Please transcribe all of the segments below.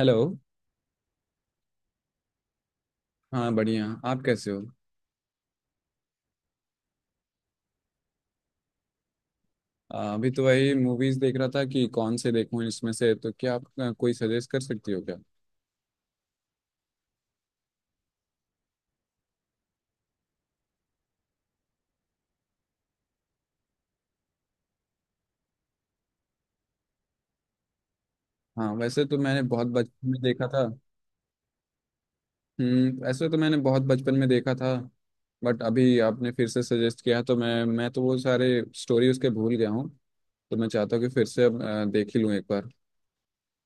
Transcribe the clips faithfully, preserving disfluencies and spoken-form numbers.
Hello. हाँ, बढ़िया। आप कैसे हो? आ, अभी तो वही मूवीज देख रहा था कि कौन से देखूं इसमें से। तो क्या आप आ, कोई सजेस्ट कर सकती हो क्या? हाँ, वैसे तो मैंने बहुत बचपन में देखा था। हम्म वैसे तो मैंने बहुत बचपन में देखा था। बट अभी आपने फिर से सजेस्ट किया तो मैं मैं तो वो सारे स्टोरी उसके भूल गया हूँ। तो मैं चाहता हूँ कि फिर से अब आ, देख ही लूँ एक बार।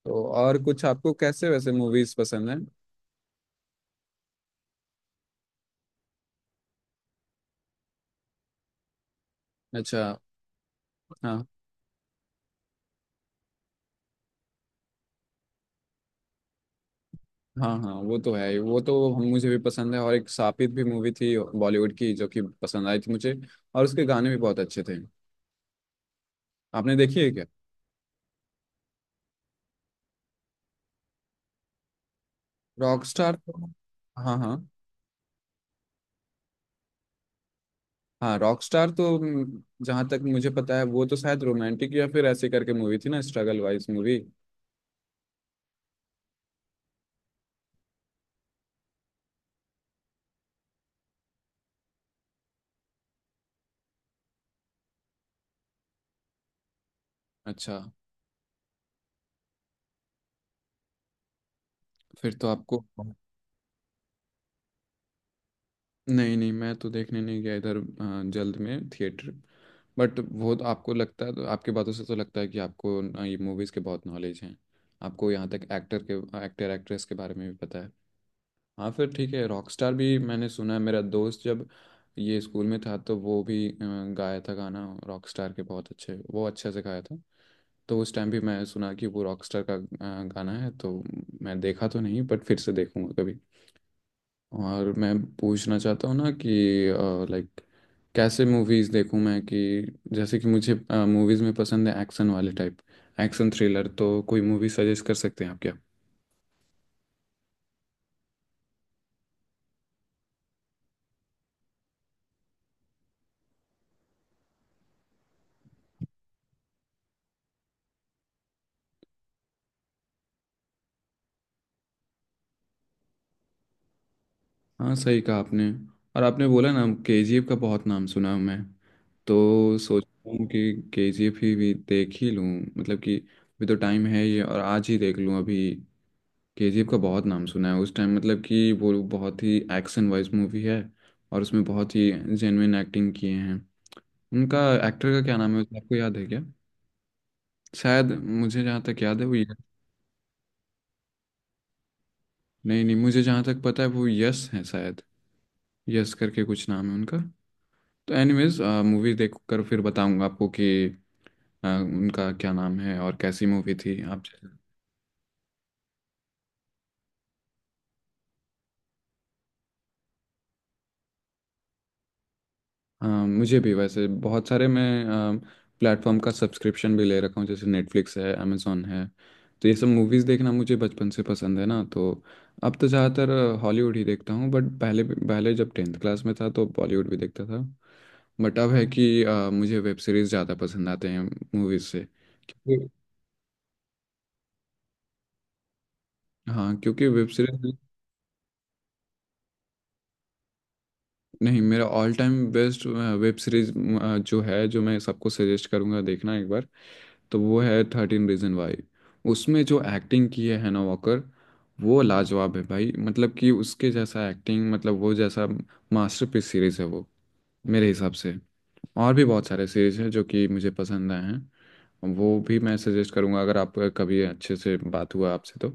तो और कुछ आपको कैसे वैसे मूवीज पसंद है? अच्छा। हाँ, हाँ, हाँ, वो तो है ही। वो तो हम मुझे भी पसंद है, और एक सापित भी मूवी थी बॉलीवुड की जो कि पसंद आई थी मुझे। और उसके गाने भी बहुत अच्छे थे। आपने देखी है क्या? रॉकस्टार तो। हाँ, हाँ, हाँ, रॉकस्टार तो हम्म, जहाँ तक मुझे पता है वो तो शायद रोमांटिक या फिर ऐसे करके मूवी थी ना, स्ट्रगल वाइज मूवी। अच्छा। फिर तो आपको। नहीं, नहीं, मैं तो देखने नहीं गया इधर अ, जल्द में थिएटर। बट वो तो आपको लगता है, तो आपकी बातों से तो लगता है कि आपको ना ये मूवीज़ के बहुत नॉलेज हैं। आपको यहाँ तक एक्टर के एक्टर एक्ट्रेस के बारे में भी पता है। हाँ, फिर ठीक है। रॉकस्टार भी मैंने सुना है। मेरा दोस्त जब ये स्कूल में था तो वो भी अ, गाया था गाना, रॉकस्टार के बहुत अच्छे वो अच्छे से गाया था। तो उस टाइम भी मैं सुना कि वो रॉकस्टार का अ, गाना है। तो मैं देखा तो नहीं बट फिर से देखूंगा कभी। और मैं पूछना चाहता हूँ ना कि लाइक कैसे मूवीज़ देखूँ मैं, कि जैसे कि मुझे मूवीज़ में पसंद है एक्शन वाले टाइप। एक्शन थ्रिलर तो कोई मूवी सजेस्ट कर सकते हैं आप क्या? हाँ, सही कहा आपने। और आपने बोला ना, केजीएफ का बहुत नाम सुना है मैं। तो सोच रहा हूँ कि केजीएफ ही भी देख ही लूँ। मतलब कि अभी तो टाइम है ये, और आज ही देख लूँ अभी। केजीएफ का बहुत नाम सुना है उस टाइम, मतलब कि वो बहुत ही एक्शन वाइज मूवी है। और उसमें बहुत ही जेन्युइन एक्टिंग किए हैं उनका। एक्टर का क्या नाम है, आपको याद है क्या? शायद मुझे जहाँ तक याद है वो यश। नहीं, नहीं, मुझे जहाँ तक पता है वो यश है शायद। यश करके कुछ नाम है उनका। तो एनीवेज, मूवी देख कर फिर बताऊंगा आपको कि अ, उनका क्या नाम है और कैसी मूवी थी आप। हाँ, मुझे भी वैसे बहुत सारे मैं प्लेटफॉर्म का सब्सक्रिप्शन भी ले रखा हूँ, जैसे नेटफ्लिक्स है, amazon है। तो ये सब मूवीज़ देखना मुझे बचपन से पसंद है ना, तो अब तो ज़्यादातर हॉलीवुड ही देखता हूँ। बट पहले पहले जब टेंथ क्लास में था तो बॉलीवुड भी देखता था। बट अब है कि अ, मुझे वेब सीरीज़ ज़्यादा पसंद आते हैं मूवीज़ से। क्योंकि हाँ, क्योंकि वेब सीरीज नहीं, मेरा all time best web series जो है, जो मैं सबको सजेस्ट करूँगा देखना एक बार, तो वो है थर्टीन रीजन वाई। उसमें जो एक्टिंग की है हैना वॉकर, वो लाजवाब है भाई। मतलब कि उसके जैसा एक्टिंग, मतलब वो जैसा मास्टरपीस सीरीज है वो, मेरे हिसाब से। और भी बहुत सारे सीरीज हैं जो कि मुझे पसंद आए हैं, वो भी मैं सजेस्ट करूंगा अगर आप कभी अच्छे से बात हुआ आपसे तो।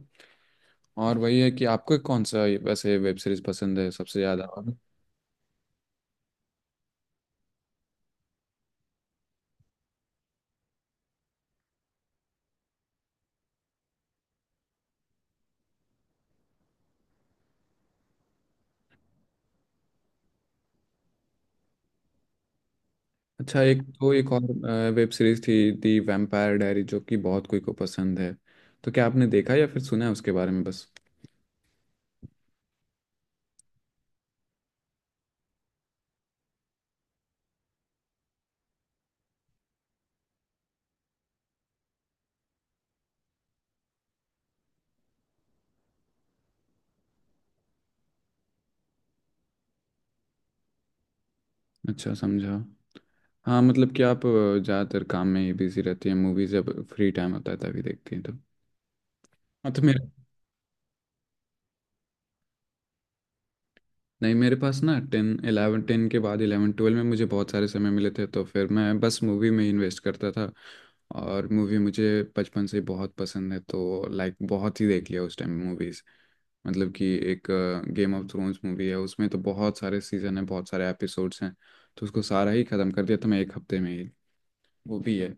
और वही है कि आपको कौन सा ये- वैसे वेब सीरीज पसंद है सबसे ज़्यादा और। अच्छा, एक तो एक और वेब सीरीज थी दी वैम्पायर डायरी, जो कि बहुत कोई को पसंद है। तो क्या आपने देखा या फिर सुना है उसके बारे में बस? अच्छा, समझा। हाँ, मतलब कि आप अ, ज़्यादातर काम में ही बिजी रहती हैं, मूवीज जब फ्री टाइम होता है तभी देखती हैं तो। हाँ, तो मेरे, नहीं, मेरे पास ना टेन इलेवन, टेन के बाद इलेवन ट्वेल्व में मुझे बहुत सारे समय मिले थे, तो फिर मैं बस मूवी में इन्वेस्ट करता था। और मूवी मुझे बचपन से बहुत पसंद है तो लाइक बहुत ही देख लिया उस टाइम मूवीज़। मतलब कि एक गेम ऑफ थ्रोन्स मूवी है, उसमें तो बहुत सारे सीजन है, बहुत सारे एपिसोड्स हैं। तो उसको सारा ही ख़त्म कर दिया था मैं एक हफ्ते में ही। वो भी है।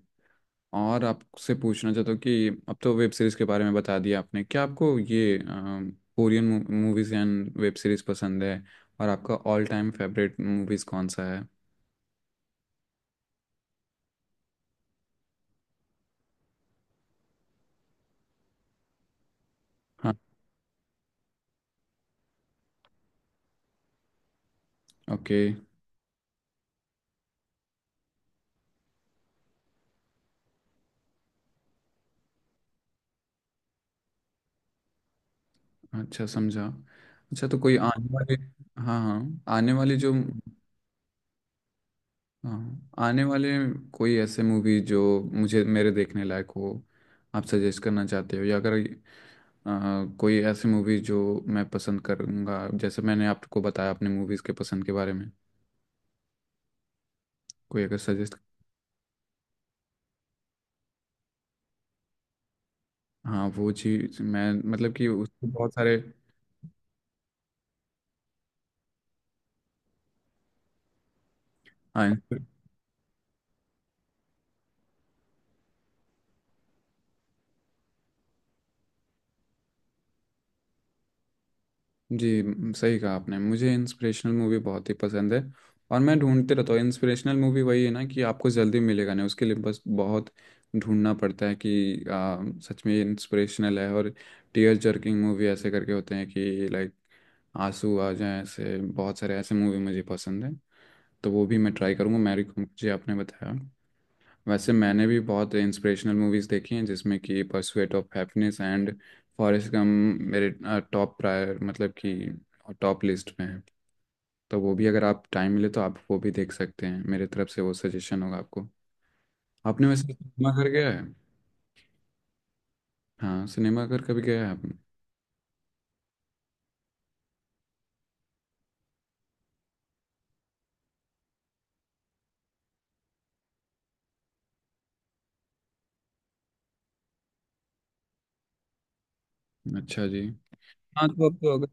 और आपसे पूछना चाहता हूँ कि अब तो वेब सीरीज के बारे में बता दिया आपने, क्या आपको ये Korean movies and web series पसंद है? और आपका ऑल टाइम फेवरेट मूवीज कौन सा है? हाँ। ओके। अच्छा, समझा। अच्छा, तो कोई आने वाले। हाँ, हाँ, आने वाली जो। हाँ, आने वाले कोई ऐसे मूवी जो मुझे मेरे देखने लायक हो, आप सजेस्ट करना चाहते हो? या अगर अ, कोई ऐसी मूवी जो मैं पसंद करूँगा, जैसे मैंने आपको बताया अपने मूवीज़ के पसंद के बारे में, कोई अगर सजेस्ट। हाँ, वो चीज़ मैं मतलब कि उसके बहुत सारे। हाँ, इंस्पिर- जी, म, सही कहा आपने, मुझे इंस्पिरेशनल मूवी बहुत ही पसंद है। और मैं ढूंढते रहता हूँ इंस्पिरेशनल मूवी, वही है ना कि आपको जल्दी मिलेगा नहीं, उसके लिए बस बहुत ढूंढना पड़ता है कि आ, सच में इंस्पिरेशनल है। और टीयर जर्किंग मूवी ऐसे करके होते हैं कि लाइक आंसू आ जाए, ऐसे बहुत सारे ऐसे मूवी मुझे पसंद है। तो वो भी मैं ट्राई करूँगा मैरी मुझे आपने बताया। वैसे मैंने भी बहुत इंस्पिरेशनल मूवीज देखी हैं, जिसमें कि pursuit of happiness and Forrest Gump मेरे टॉप प्रायर, मतलब कि टॉप लिस्ट में है। तो वो भी अगर आप टाइम मिले तो आप वो भी देख सकते हैं, मेरे तरफ से वो सजेशन होगा आपको। आपने वैसे सिनेमा घर गया है? हाँ, सिनेमा घर कभी गया है आपने? अच्छा जी। हाँ, तो अब तो अगर,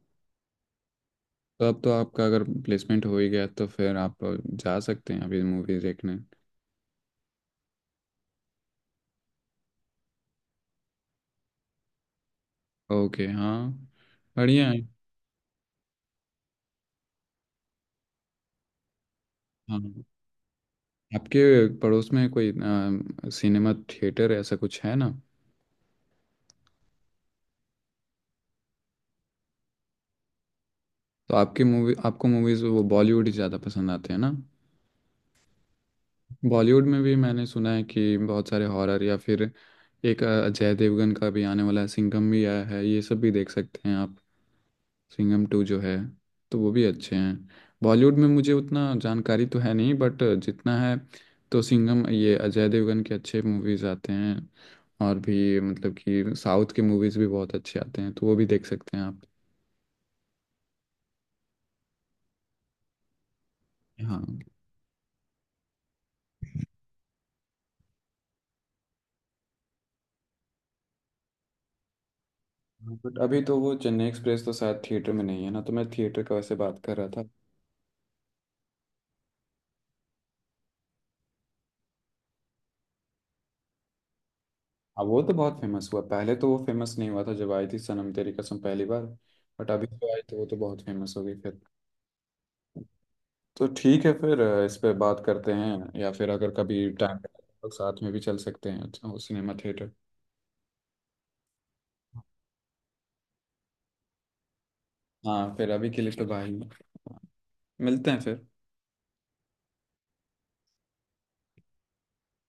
तो अब तो आपका अगर प्लेसमेंट हो ही गया तो फिर आप जा सकते हैं अभी मूवी देखने। ओके, हाँ। बढ़िया है। हाँ, आपके पड़ोस में कोई अ, सिनेमा थिएटर ऐसा कुछ है ना? तो आपकी मूवी, आपको मूवीज़ वो बॉलीवुड ही ज़्यादा पसंद आते हैं ना? बॉलीवुड में भी मैंने सुना है कि बहुत सारे हॉरर, या फिर एक अ, अजय देवगन का भी आने वाला है, सिंघम भी आया है, ये सब भी देख सकते हैं आप। सिंघम टू जो है, तो वो भी अच्छे हैं। बॉलीवुड में मुझे उतना जानकारी तो है नहीं, बट जितना है तो सिंघम, ये अजय देवगन के अच्छे मूवीज आते हैं। और भी मतलब कि साउथ के मूवीज भी बहुत अच्छे आते हैं, तो वो भी देख सकते हैं आप। हाँ। बट अभी तो वो चेन्नई एक्सप्रेस तो शायद थिएटर में नहीं है ना, तो मैं थिएटर का वैसे बात कर रहा था। अब वो तो बहुत फेमस हुआ, पहले तो वो फेमस नहीं हुआ था जब आई थी सनम तेरी कसम पहली बार। बट अभी तो आई तो वो तो बहुत फेमस हो गई फिर। तो ठीक है फिर, अ, इस पे बात करते हैं, या फिर अगर कभी टाइम तो साथ में भी चल सकते हैं। अच्छा, वो सिनेमा थिएटर। हाँ, फिर अभी के लिए तो भाई मिलते हैं फिर।